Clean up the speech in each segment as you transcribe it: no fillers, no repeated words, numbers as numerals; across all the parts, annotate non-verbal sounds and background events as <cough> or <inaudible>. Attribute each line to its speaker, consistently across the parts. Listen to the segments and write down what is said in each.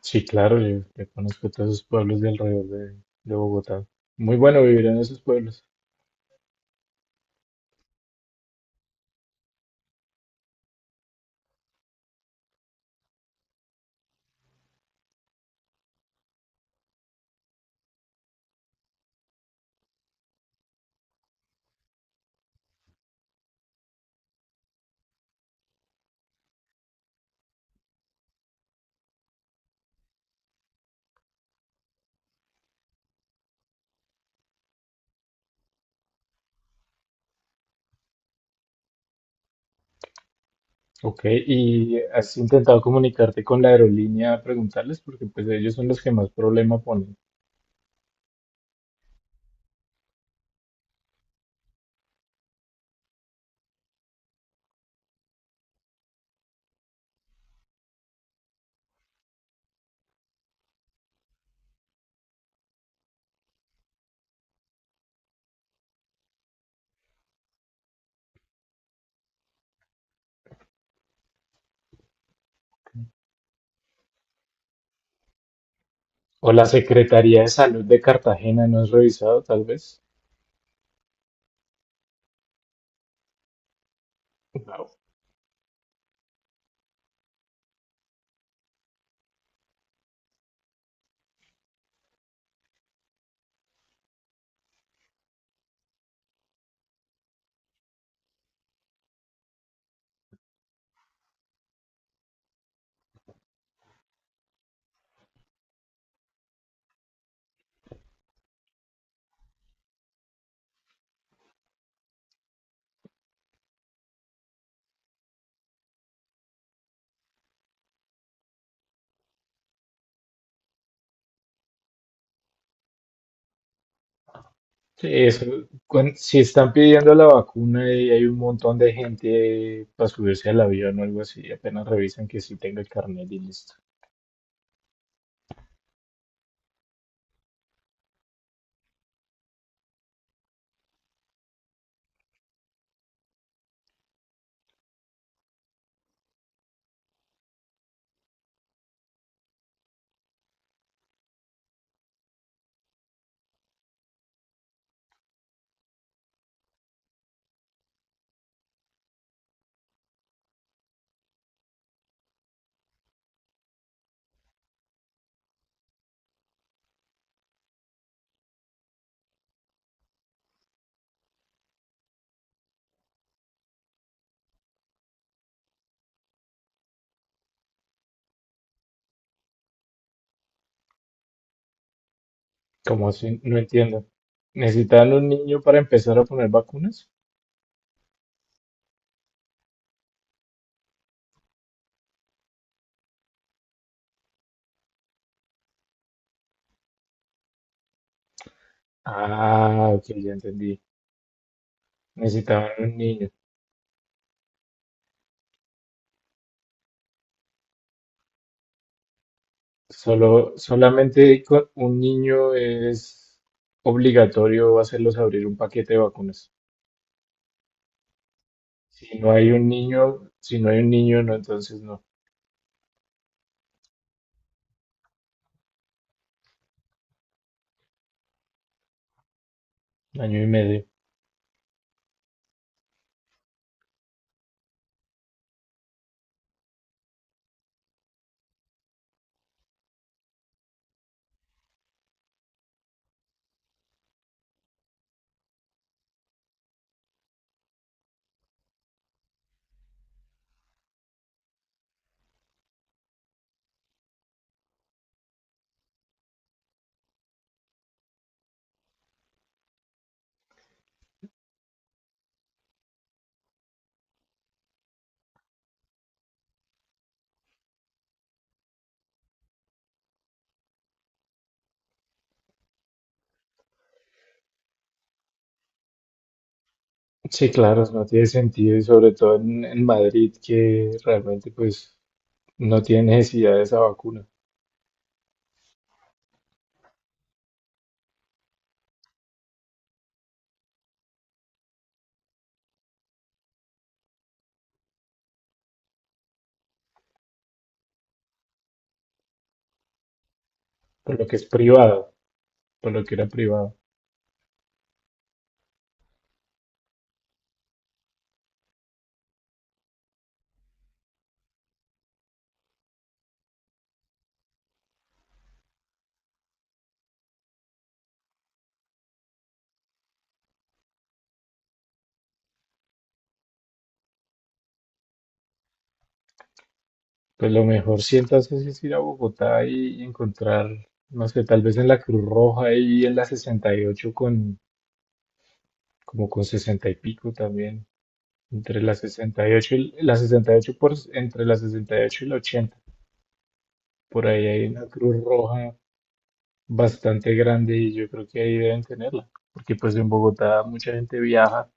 Speaker 1: Sí, claro, yo conozco todos esos pueblos de alrededor de Bogotá. Muy bueno vivir en esos pueblos. Ok, ¿y has intentado comunicarte con la aerolínea a preguntarles? Porque pues ellos son los que más problema ponen. O la Secretaría de Salud de Cartagena, ¿no has revisado tal vez? No. Sí, eso, si están pidiendo la vacuna y hay un montón de gente para subirse al avión o algo así, apenas revisan que sí tenga el carnet y listo. Como así? No entiendo. ¿Necesitaban un niño para empezar a poner vacunas? Ah, ok, ya entendí. Necesitaban un niño. Solo, solamente con un niño es obligatorio hacerlos abrir un paquete de vacunas. Si no hay un niño, si no hay un niño, no, entonces no. Año y medio. Sí, claro, no tiene sentido y sobre todo en Madrid, que realmente pues no tiene necesidad de esa vacuna, por lo que es privado, por lo que era privado. Pues lo mejor si entonces es ir a Bogotá y encontrar, no sé, tal vez en la Cruz Roja y en la 68 con, como con 60 y pico también, entre la 68 y la 68 por, entre la sesenta y ocho y la 80. Por ahí hay una Cruz Roja bastante grande y yo creo que ahí deben tenerla, porque pues en Bogotá mucha gente viaja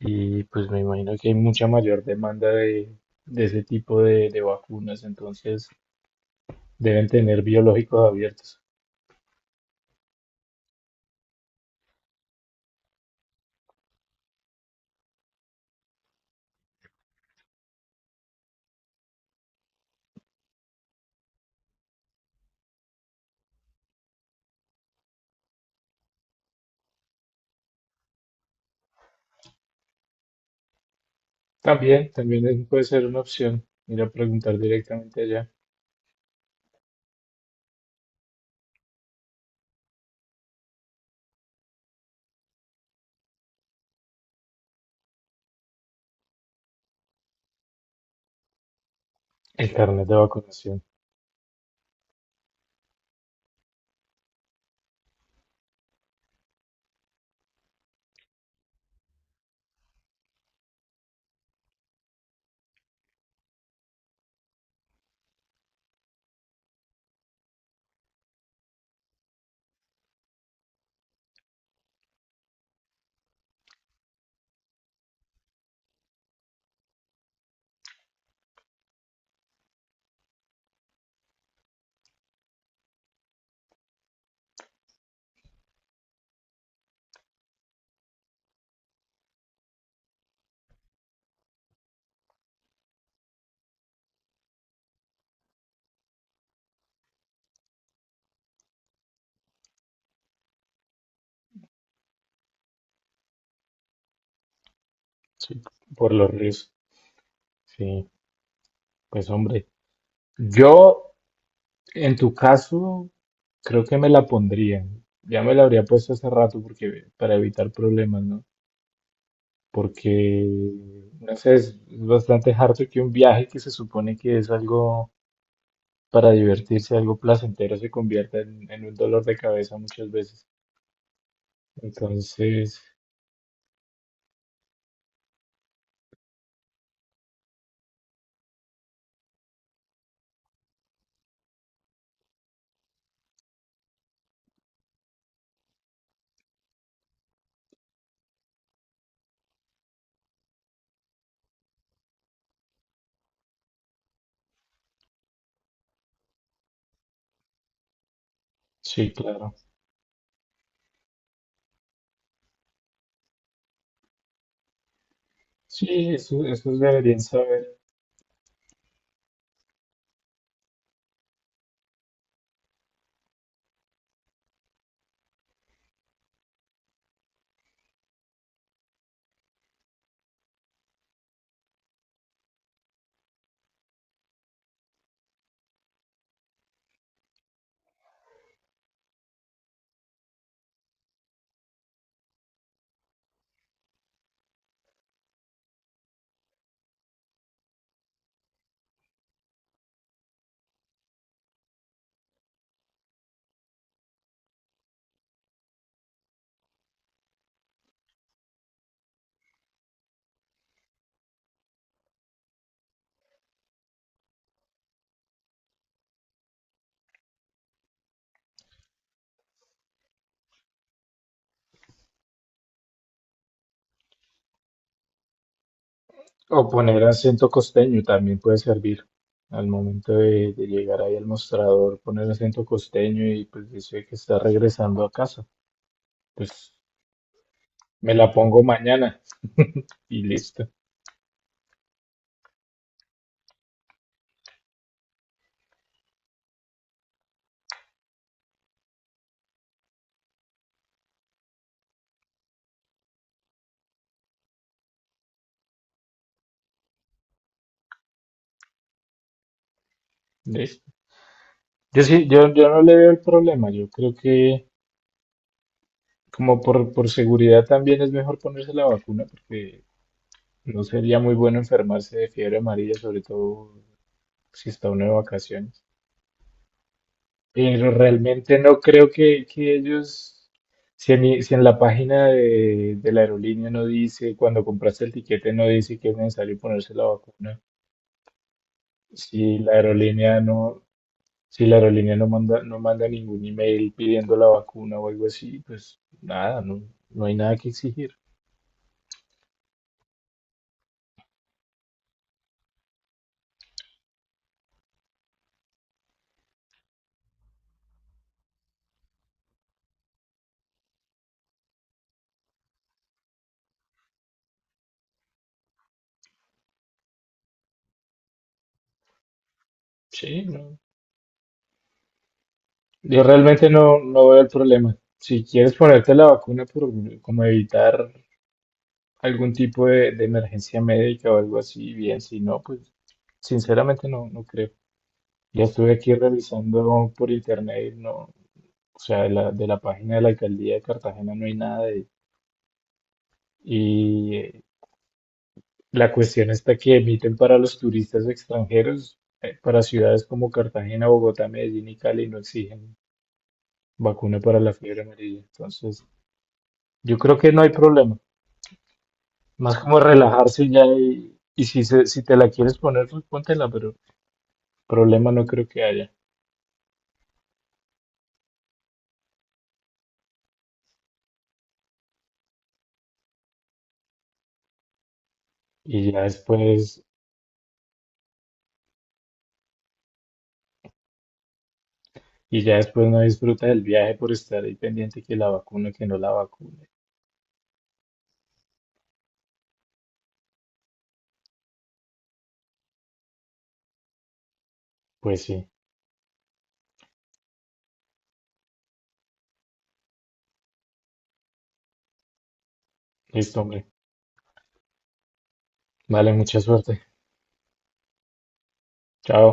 Speaker 1: y pues me imagino que hay mucha mayor demanda de ese tipo de vacunas, entonces deben tener biológicos abiertos. También, también puede ser una opción ir a preguntar directamente allá el carnet de vacunación, sí, por los riesgos. Sí, pues hombre, yo en tu caso creo que me la pondría. Ya me la habría puesto hace rato porque para evitar problemas, ¿no? Porque, no sé, es bastante harto que un viaje que se supone que es algo para divertirse, algo placentero, se convierta en un dolor de cabeza muchas veces. Entonces, sí, claro. Sí, esos deberían saber. O poner acento costeño también puede servir. Al momento de llegar ahí al mostrador, poner acento costeño y pues dice que está regresando a casa. Pues me la pongo mañana <laughs> y listo. Listo. Yo sí, yo no le veo el problema. Yo creo que como por seguridad también es mejor ponerse la vacuna porque no sería muy bueno enfermarse de fiebre amarilla, sobre todo si está uno de vacaciones. Pero realmente no creo que ellos, si en, si en la página de la aerolínea no dice, cuando compraste el tiquete no dice que es necesario ponerse la vacuna, si la aerolínea no, si la aerolínea no manda, no manda ningún email pidiendo la vacuna o algo así, pues nada, no, no hay nada que exigir. Sí, no. Yo realmente no, no veo el problema. Si quieres ponerte la vacuna por como evitar algún tipo de emergencia médica o algo así, bien, si no, pues sinceramente no, no creo. Ya estuve aquí revisando por internet y no, o sea, de la página de la alcaldía de Cartagena no hay nada de- y la cuestión está que emiten para los turistas extranjeros, para ciudades como Cartagena, Bogotá, Medellín y Cali no exigen vacuna para la fiebre amarilla. Entonces, yo creo que no hay problema. Más como relajarse ya y si si te la quieres poner, pues póntela, pero problema no creo que haya. Y ya después y ya después no disfruta del viaje por estar ahí pendiente que la vacune, que no la vacune. Pues sí, listo, hombre. Vale, mucha suerte. Chao.